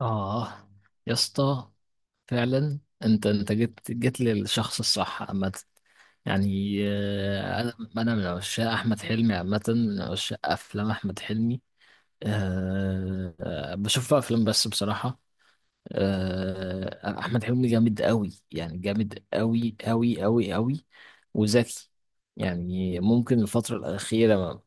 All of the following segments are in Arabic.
اه يا اسطى فعلا. انت جيت للشخص الصح عامة. يعني انا من عشاق احمد حلمي عامة، من عشاق افلام احمد حلمي. أه آه، بشوف افلام بس بصراحة. احمد حلمي جامد قوي، يعني جامد قوي قوي قوي قوي وذكي. يعني ممكن الفترة الأخيرة،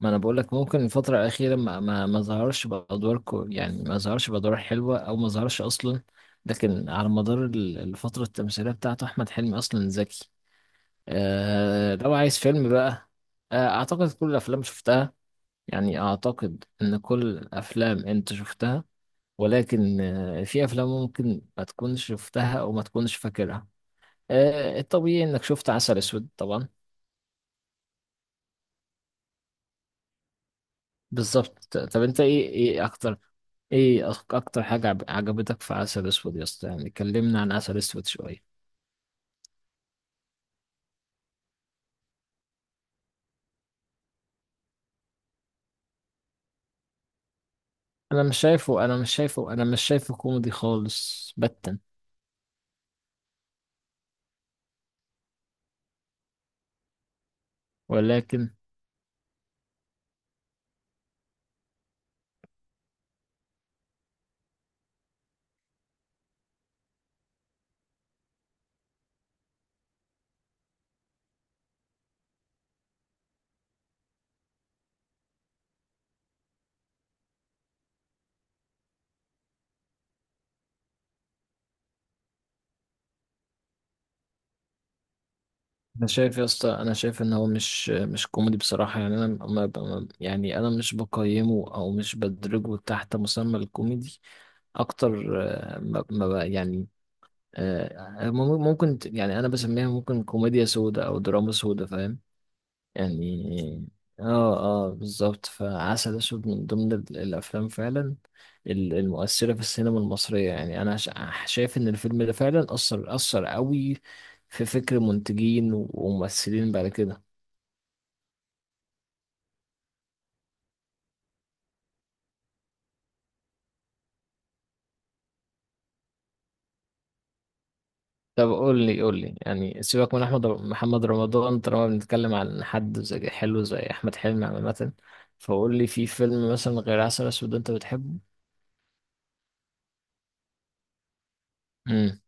ما انا بقول لك ممكن الفترة الأخيرة ما ظهرش بأدوار يعني ما ظهرش بأدوار حلوة أو ما ظهرش أصلا. لكن على مدار الفترة التمثيلية بتاعته أحمد حلمي أصلا ذكي. لو عايز فيلم بقى، أعتقد كل الأفلام شفتها، يعني أعتقد إن كل الأفلام أنت شفتها، ولكن في أفلام ممكن ما تكونش شفتها أو ما تكونش فاكرها. الطبيعي إنك شفت عسل أسود طبعا. بالظبط، طب انت ايه اكتر، ايه اكتر حاجة عجبتك في عسل اسود يا اسطى؟ يعني كلمنا عن عسل اسود شوية. انا مش شايفه انا مش شايفه انا مش شايفه كوميدي خالص باتا، ولكن انا شايف يا اسطى، انا شايف ان هو مش كوميدي بصراحة. يعني انا يعني انا مش بقيمه او مش بدرجه تحت مسمى الكوميدي اكتر. ما ما ب- يعني ممكن يعني انا بسميها ممكن كوميديا سودا او دراما سودا، فاهم يعني؟ اه اه بالظبط. فعسل اسود من ضمن الافلام فعلا، المؤثره في السينما المصريه. يعني انا شايف ان الفيلم ده فعلا اثر قوي في فكر منتجين وممثلين بعد كده. طب قول لي، يعني سيبك من محمد رمضان، طالما بنتكلم عن حد زي حلو زي احمد حلمي عامه، فقول لي في فيلم مثلا غير عسل اسود انت بتحبه. امم،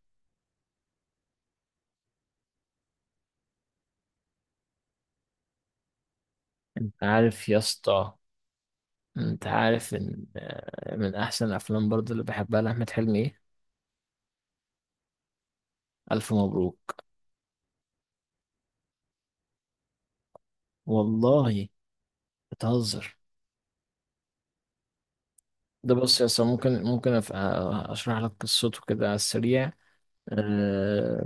انت عارف يا اسطى، انت عارف ان من احسن الافلام برضو اللي بحبها لاحمد حلمي ايه؟ الف مبروك. والله بتهزر. ده بص يا اسطى، ممكن اشرح لك قصته كده على السريع. آه،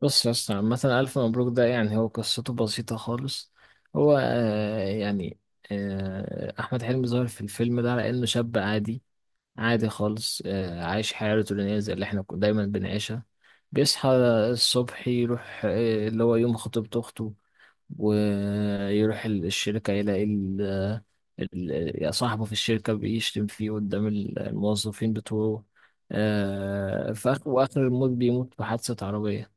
بص يا اسطى، مثلا الف مبروك ده، يعني هو قصته بسيطه خالص. هو آه، يعني احمد حلمي ظاهر في الفيلم ده على انه شاب عادي، عادي خالص. عايش حياة روتينية زي اللي احنا دايما بنعيشها. بيصحى الصبح، يروح اللي هو يوم خطيبة أخته، ويروح الشركة، يلاقي ال- صاحبه في الشركة بيشتم فيه قدام الموظفين بتوعه. في آخر وآخر، الموت بيموت في حادثة عربية.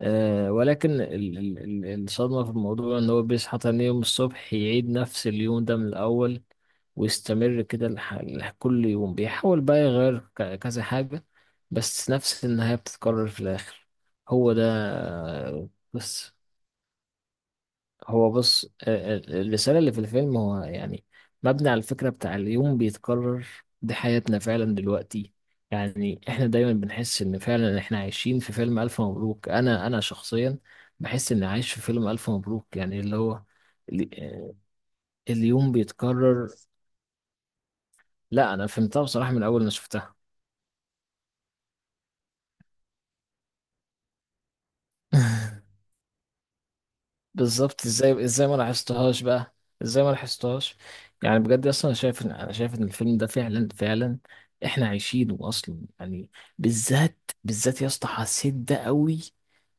ولكن الصدمة في الموضوع إن هو بيصحى تاني يوم الصبح، يعيد نفس اليوم ده من الأول، ويستمر كده كل يوم بيحاول بقى يغير كذا حاجة، بس نفس النهاية بتتكرر في الآخر. هو ده، بس. هو بص، الرسالة اللي في الفيلم، هو يعني مبني على الفكرة بتاع اليوم بيتكرر. دي حياتنا فعلا دلوقتي، يعني احنا دايما بنحس ان فعلا احنا عايشين في فيلم ألف مبروك. انا شخصيا بحس اني عايش في فيلم ألف مبروك، يعني اللي هو ال- آه، اليوم بيتكرر. لا انا فهمتها بصراحة من اول ما شفتها. بالظبط، ازاي ما لاحظتهاش بقى؟ ازاي ما لاحظتهاش؟ يعني بجد، اصلا انا شايف ان الفيلم ده فعلا فعلا احنا عايشينه اصلا يعني. بالذات بالذات يا اسطى حسيت ده قوي،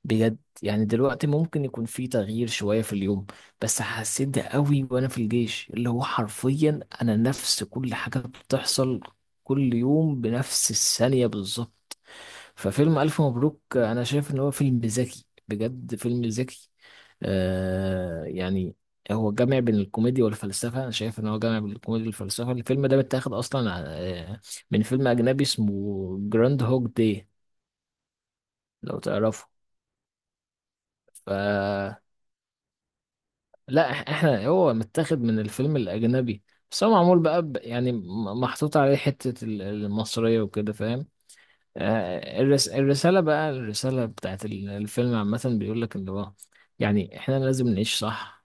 بجد. يعني دلوقتي ممكن يكون في تغيير شوية في اليوم، بس حسيت ده قوي وانا في الجيش، اللي هو حرفيا انا نفس كل حاجة بتحصل كل يوم بنفس الثانية بالظبط. ففيلم ألف مبروك أنا شايف إن هو فيلم ذكي، بجد فيلم ذكي. يعني هو جامع بين الكوميديا والفلسفة، أنا شايف إن هو جامع بين الكوميديا والفلسفة. الفيلم ده متاخد أصلا آه، من فيلم أجنبي اسمه جراند هوج داي، لو تعرفه. ف لا، إحنا هو متاخد من الفيلم الأجنبي، بس هو معمول بقى يعني محطوط عليه حتة المصرية وكده، فاهم؟ الرسالة بتاعت الفيلم عامة بيقول لك إن هو يعني إحنا لازم نعيش صح،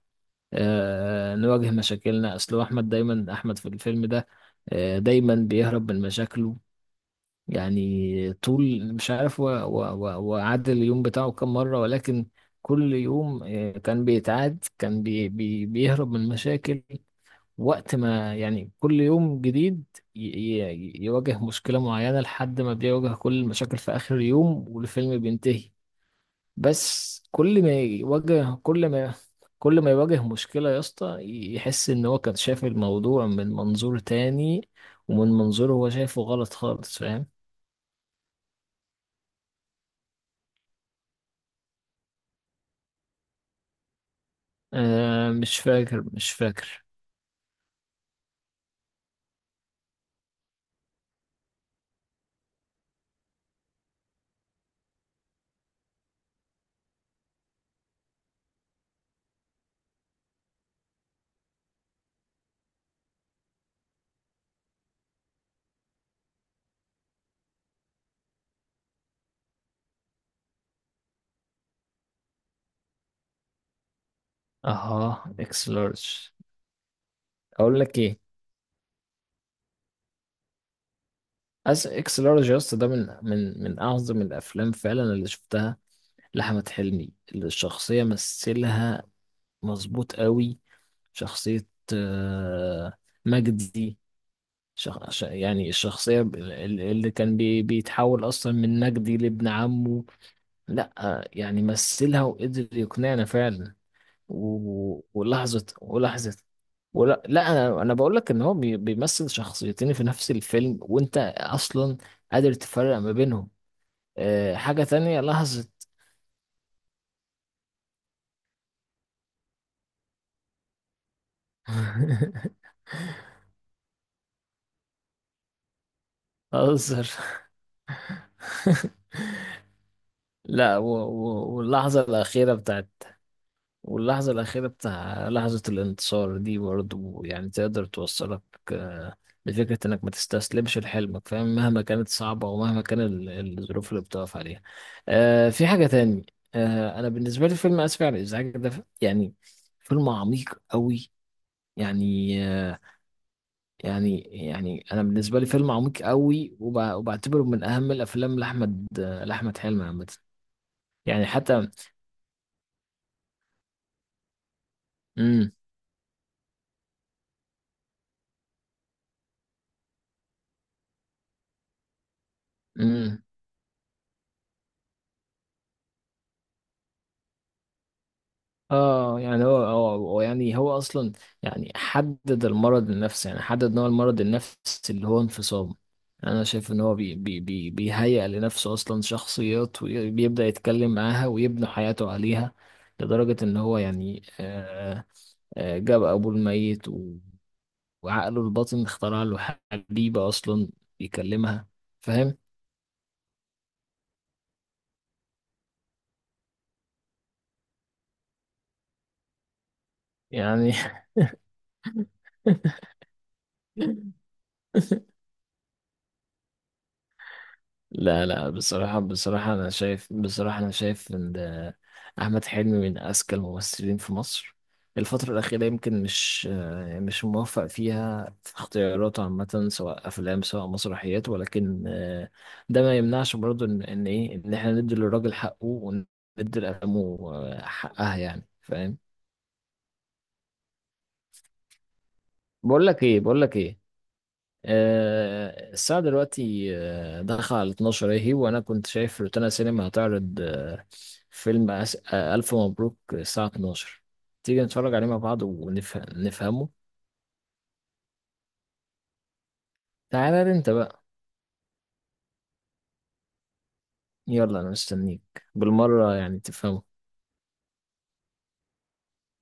نواجه مشاكلنا. أصل هو أحمد، دايما أحمد في الفيلم ده دايما بيهرب من مشاكله. يعني طول، مش عارف هو عاد اليوم بتاعه كم مرة، ولكن كل يوم كان بيتعاد، كان بيهرب من مشاكل وقت ما، يعني كل يوم جديد يواجه مشكلة معينة لحد ما بيواجه كل المشاكل في آخر يوم، والفيلم بينتهي. بس كل ما يواجه مشكلة يا اسطى، يحس إن هو كان شايف الموضوع من منظور تاني، ومن منظور هو شايفه غلط خالص، فاهم؟ مش فاكر مش فاكر. اها، اكس لارج. اقول لك ايه؟ اكس لارج يا اسطى، ده من اعظم الافلام فعلا اللي شفتها لأحمد حلمي. الشخصية مثلها مظبوط قوي. شخصية آه، مجدي. يعني الشخصية اللي كان بيتحول أصلا من مجدي لابن عمه. لأ يعني مثلها وقدر يقنعنا فعلا. ولحظة ولحظة، ولا لا، انا بقول لك ان هو بيمثل شخصيتين في نفس الفيلم وانت اصلا قادر تفرق ما بينهم. حاجة تانية، لحظة. بهزر. لا، واللحظة الأخيرة بتاعت، واللحظة الأخيرة بتاع لحظة الانتصار دي برضو، يعني تقدر توصلك آه، لفكرة إنك ما تستسلمش لحلمك، فاهم؟ مهما كانت صعبة ومهما كان الظروف اللي بتقف عليها. في حاجة تاني. أنا بالنسبة لي فيلم آسف على الإزعاج ده، يعني فيلم عميق قوي. يعني يعني أنا بالنسبة لي فيلم عميق قوي، وبعتبره من أهم الأفلام لأحمد حلمي عامة. يعني حتى. امم امم اه يعني هو يعني هو اصلا، يعني حدد المرض النفسي، يعني حدد نوع المرض النفسي، اللي هو انفصام. انا شايف ان هو بي بي بي بيهيئ لنفسه اصلا شخصيات، وبيبدأ يتكلم معاها ويبني حياته عليها، لدرجة ان هو يعني جاب ابوه الميت وعقله الباطن اخترع له حبيبة اصلا يكلمها، فاهم يعني؟ لا لا، بصراحة بصراحة، أنا شايف إن ده أحمد حلمي من أذكى الممثلين في مصر. الفترة الأخيرة يمكن مش موفق فيها في اختياراته عامة، سواء أفلام سواء مسرحيات، ولكن ده ما يمنعش برضه إن إحنا ندي للراجل حقه وندي لأفلامه حقها، يعني فاهم؟ بقول لك إيه، الساعة دلوقتي داخلة على 12 اهي، وانا كنت شايف روتانا سينما هتعرض فيلم ألف مبروك الساعة 12. تيجي نتفرج عليه مع بعض ونفهمه؟ تعالى انت بقى. يلا، انا مستنيك بالمرة، يعني تفهمه.